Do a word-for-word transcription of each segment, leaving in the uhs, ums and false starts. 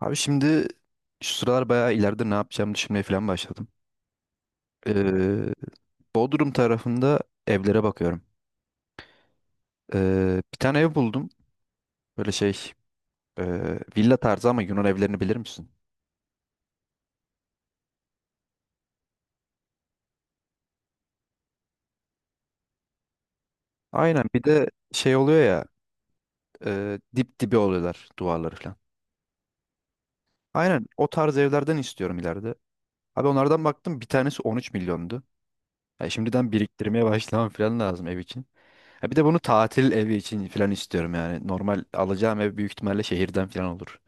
Abi şimdi şu sıralar bayağı ileride ne yapacağımı düşünmeye falan başladım. Ee, Bodrum tarafında evlere bakıyorum. Ee, bir tane ev buldum. Böyle şey e, villa tarzı ama Yunan evlerini bilir misin? Aynen bir de şey oluyor ya e, dip dibi oluyorlar duvarları falan. Aynen o tarz evlerden istiyorum ileride. Abi onlardan baktım bir tanesi on üç milyondu. Ya şimdiden biriktirmeye başlamam falan lazım ev için. Ha bir de bunu tatil evi için falan istiyorum yani. Normal alacağım ev büyük ihtimalle şehirden falan olur.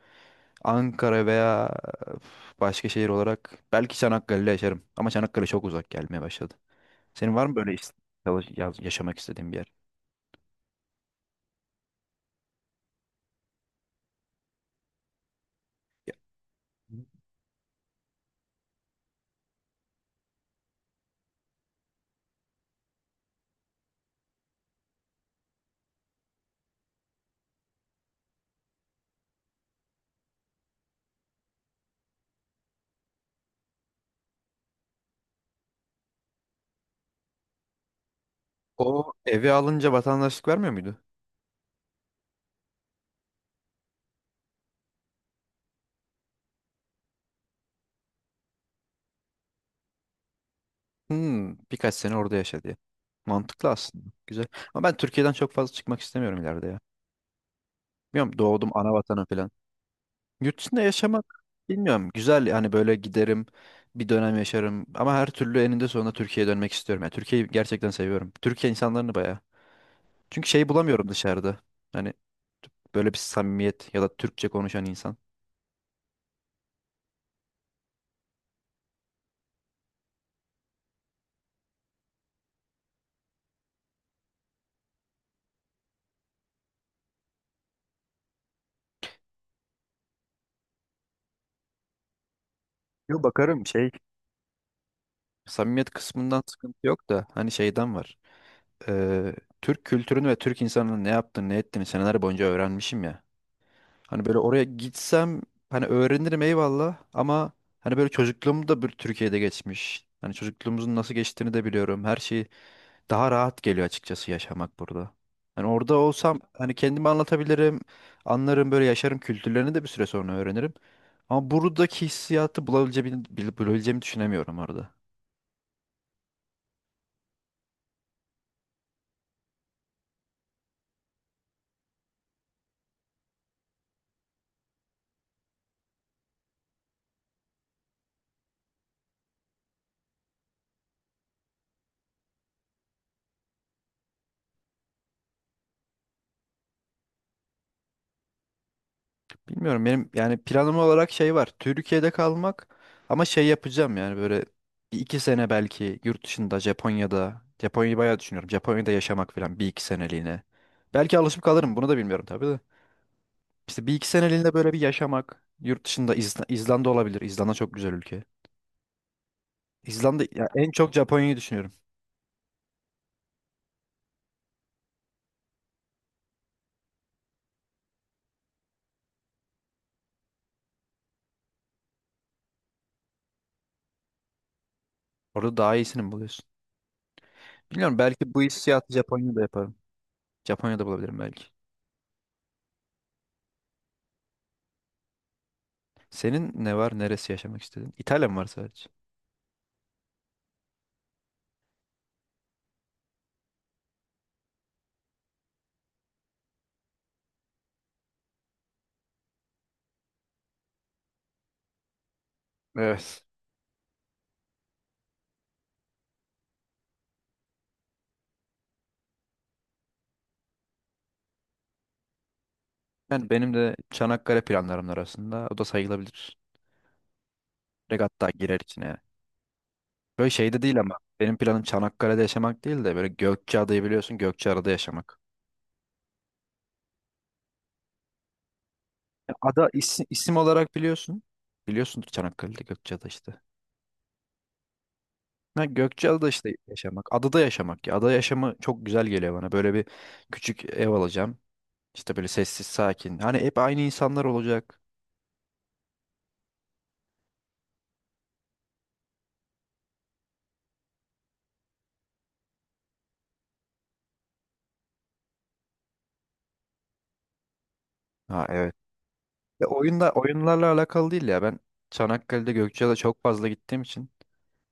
Ankara veya başka şehir olarak belki Çanakkale'de yaşarım. Ama Çanakkale çok uzak gelmeye başladı. Senin var mı böyle is- çalış- yaz- yaşamak istediğin bir yer? Ya, o evi alınca vatandaşlık vermiyor muydu? Hmm, birkaç sene orada yaşa diye. Mantıklı aslında. Güzel. Ama ben Türkiye'den çok fazla çıkmak istemiyorum ileride ya. Bilmiyorum doğdum ana vatanım falan. Yurt dışında yaşamak bilmiyorum. Güzel yani böyle giderim bir dönem yaşarım. Ama her türlü eninde sonunda Türkiye'ye dönmek istiyorum. Yani Türkiye'yi gerçekten seviyorum. Türkiye insanlarını bayağı. Çünkü şey bulamıyorum dışarıda. Hani böyle bir samimiyet ya da Türkçe konuşan insan. Yo bakarım şey. Samimiyet kısmından sıkıntı yok da hani şeyden var. Ee, Türk kültürünü ve Türk insanının ne yaptığını ne ettiğini seneler boyunca öğrenmişim ya. Hani böyle oraya gitsem hani öğrenirim eyvallah ama hani böyle çocukluğum da bir Türkiye'de geçmiş. Hani çocukluğumuzun nasıl geçtiğini de biliyorum. Her şey daha rahat geliyor açıkçası yaşamak burada. Hani orada olsam hani kendimi anlatabilirim, anlarım böyle yaşarım kültürlerini de bir süre sonra öğrenirim. Ama buradaki hissiyatı bulabileceğimi, bulabileceğimi düşünemiyorum orada. Bilmiyorum benim yani planım olarak şey var. Türkiye'de kalmak ama şey yapacağım yani böyle bir iki sene belki yurt dışında Japonya'da. Japonya'yı bayağı düşünüyorum. Japonya'da yaşamak falan bir iki seneliğine. Belki alışıp kalırım bunu da bilmiyorum tabii de. İşte bir iki seneliğine böyle bir yaşamak. Yurt dışında İzla- İzlanda olabilir. İzlanda çok güzel ülke. İzlanda ya en çok Japonya'yı düşünüyorum. Orada daha iyisini mi buluyorsun? Bilmiyorum belki bu hissiyatı Japonya'da yaparım. Japonya'da bulabilirim belki. Senin ne var? Neresi yaşamak istedin? İtalya mı var sadece? Evet. Yani benim de Çanakkale planlarım arasında o da sayılabilir. Regatta girer içine yani. Böyle şeyde değil ama benim planım Çanakkale'de yaşamak değil de böyle Gökçeada'yı biliyorsun, Gökçeada'da yaşamak. Yani ada isim, isim olarak biliyorsun. Biliyorsundur Çanakkale'de Gökçeada işte. Ha, Gökçeada'da işte yaşamak. Adada yaşamak ya. Ada yaşamı çok güzel geliyor bana. Böyle bir küçük ev alacağım. İşte böyle sessiz sakin. Hani hep aynı insanlar olacak. Ha evet. Ya oyunda, oyunlarla alakalı değil ya. Ben Çanakkale'de Gökçeada çok fazla gittiğim için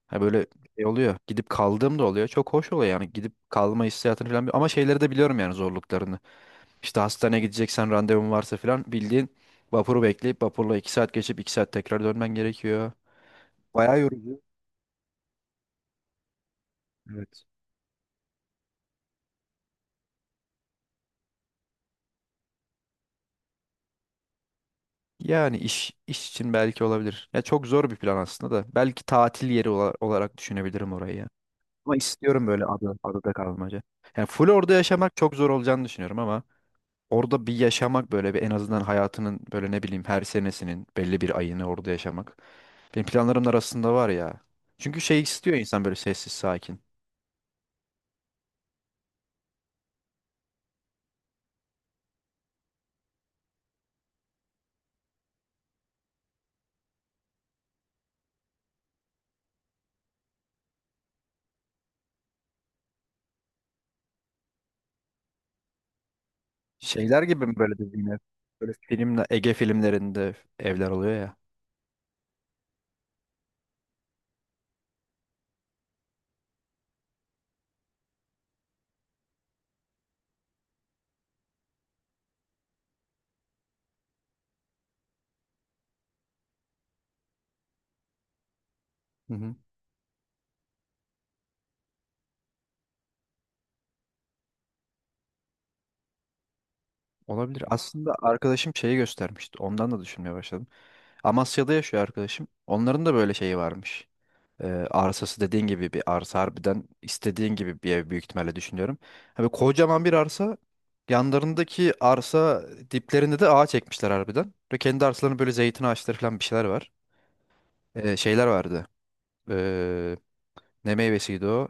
ha böyle şey oluyor. Gidip kaldığım da oluyor. Çok hoş oluyor yani gidip kalma hissiyatını falan. bi- Ama şeyleri de biliyorum yani zorluklarını. İşte hastaneye gideceksen randevun varsa falan bildiğin vapuru bekleyip vapurla iki saat geçip iki saat tekrar dönmen gerekiyor. Bayağı yorucu. Evet. Yani iş iş için belki olabilir. Ya çok zor bir plan aslında da. Belki tatil yeri ola- olarak düşünebilirim orayı ya. Ama istiyorum böyle ada, adada kalmaca. Yani full orada yaşamak çok zor olacağını düşünüyorum ama. orada bir yaşamak böyle bir en azından hayatının böyle ne bileyim her senesinin belli bir ayını orada yaşamak. Benim planlarım da arasında var ya. Çünkü şey istiyor insan böyle sessiz sakin. Şeyler gibi mi böyle dediğin ev? Böyle filmle Ege filmlerinde evler oluyor ya. Hı hı. Olabilir. Aslında arkadaşım şeyi göstermişti. Ondan da düşünmeye başladım. Amasya'da yaşıyor arkadaşım. Onların da böyle şeyi varmış. Ee, arsası dediğin gibi bir arsa harbiden istediğin gibi bir ev büyük ihtimalle düşünüyorum. Hani kocaman bir arsa, yanlarındaki arsa diplerinde de ağaç ekmişler harbiden. Ve kendi arsalarında böyle zeytin ağaçları falan bir şeyler var. Ee, şeyler vardı. Ee, Ne meyvesiydi o?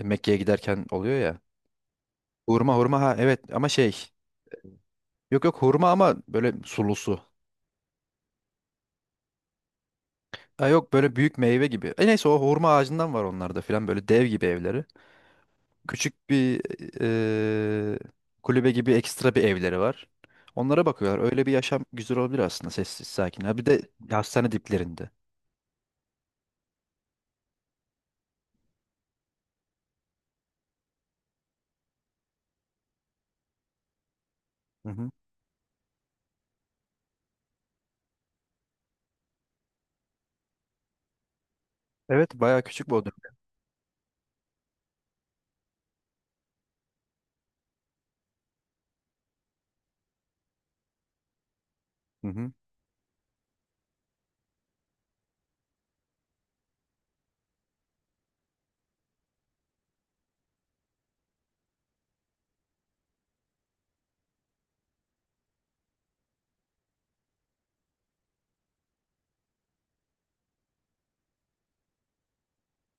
Mekke'ye giderken oluyor ya. Hurma, hurma, ha evet ama şey. Yok, yok hurma ama böyle sulusu. Ha, yok böyle büyük meyve gibi. E neyse o hurma ağacından var onlarda filan, böyle dev gibi evleri. Küçük bir eee, kulübe gibi ekstra bir evleri var. Onlara bakıyorlar. Öyle bir yaşam güzel olabilir aslında, sessiz sakin. Ha bir de hastane diplerinde. Hı hı. Evet bayağı küçük Bodrum. Hı hı.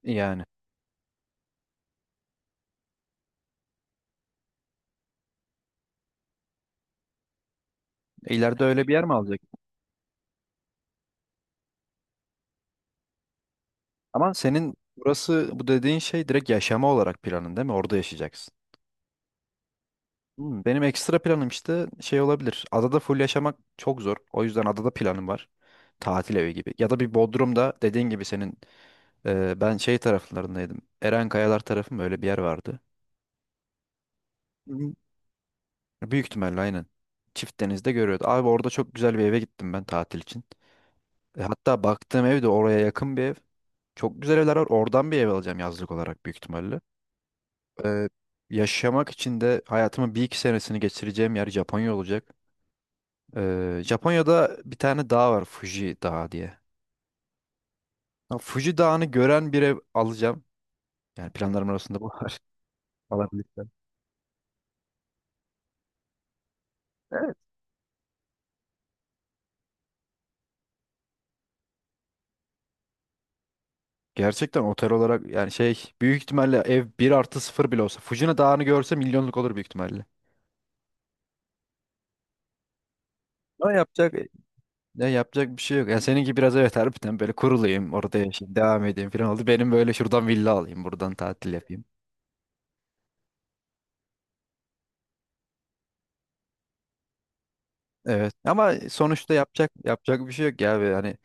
Yani ileride öyle bir yer mi alacak? Ama senin burası, bu dediğin şey direkt yaşama olarak planın değil mi? Orada yaşayacaksın. Hmm, benim ekstra planım işte şey olabilir. Adada full yaşamak çok zor. O yüzden adada planım var. Tatil evi gibi. Ya da bir Bodrum'da dediğin gibi senin. Ee, ben şey taraflarındaydım. Eren Kayalar tarafı mı öyle bir yer vardı? Hı. Büyük ihtimalle aynen. Çift denizde görüyordu. Abi orada çok güzel bir eve gittim ben tatil için. E, hatta baktığım ev de oraya yakın bir ev. Çok güzel evler var. Oradan bir ev alacağım yazlık olarak büyük ihtimalle. Ee, Yaşamak için de hayatımın bir iki senesini geçireceğim yer Japonya olacak. Ee, Japonya'da bir tane dağ var, Fuji Dağı diye. Ha, Fuji Dağı'nı gören bir ev alacağım. Yani planlarım arasında bu var. Alabilirsem. Gerçekten otel olarak yani şey, büyük ihtimalle ev bir artı sıfır bile olsa Fujina Dağı'nı görse milyonluk olur büyük ihtimalle. Ama yapacak Ya yapacak bir şey yok. Ya seninki biraz evet harbiden böyle kurulayım orada yaşayayım devam edeyim falan oldu. Benim böyle şuradan villa alayım buradan tatil yapayım. Evet ama sonuçta yapacak yapacak bir şey yok ya. Ve hani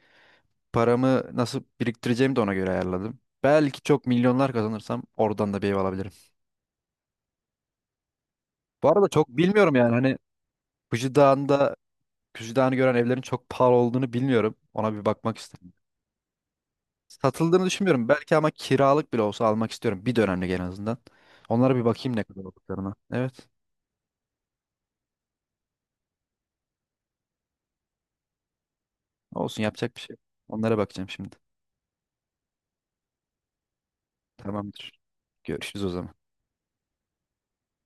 paramı nasıl biriktireceğimi de ona göre ayarladım. Belki çok milyonlar kazanırsam oradan da bir ev alabilirim. Bu arada çok bilmiyorum yani hani Fuji Dağı'nda Fuji Dağı'nı gören evlerin çok pahalı olduğunu bilmiyorum. Ona bir bakmak istedim. Satıldığını düşünmüyorum. Belki ama kiralık bile olsa almak istiyorum. Bir dönemlik en azından. Onlara bir bakayım ne kadar olduklarına. Evet. Olsun yapacak bir şey yok. Onlara bakacağım şimdi. Tamamdır. Görüşürüz o zaman.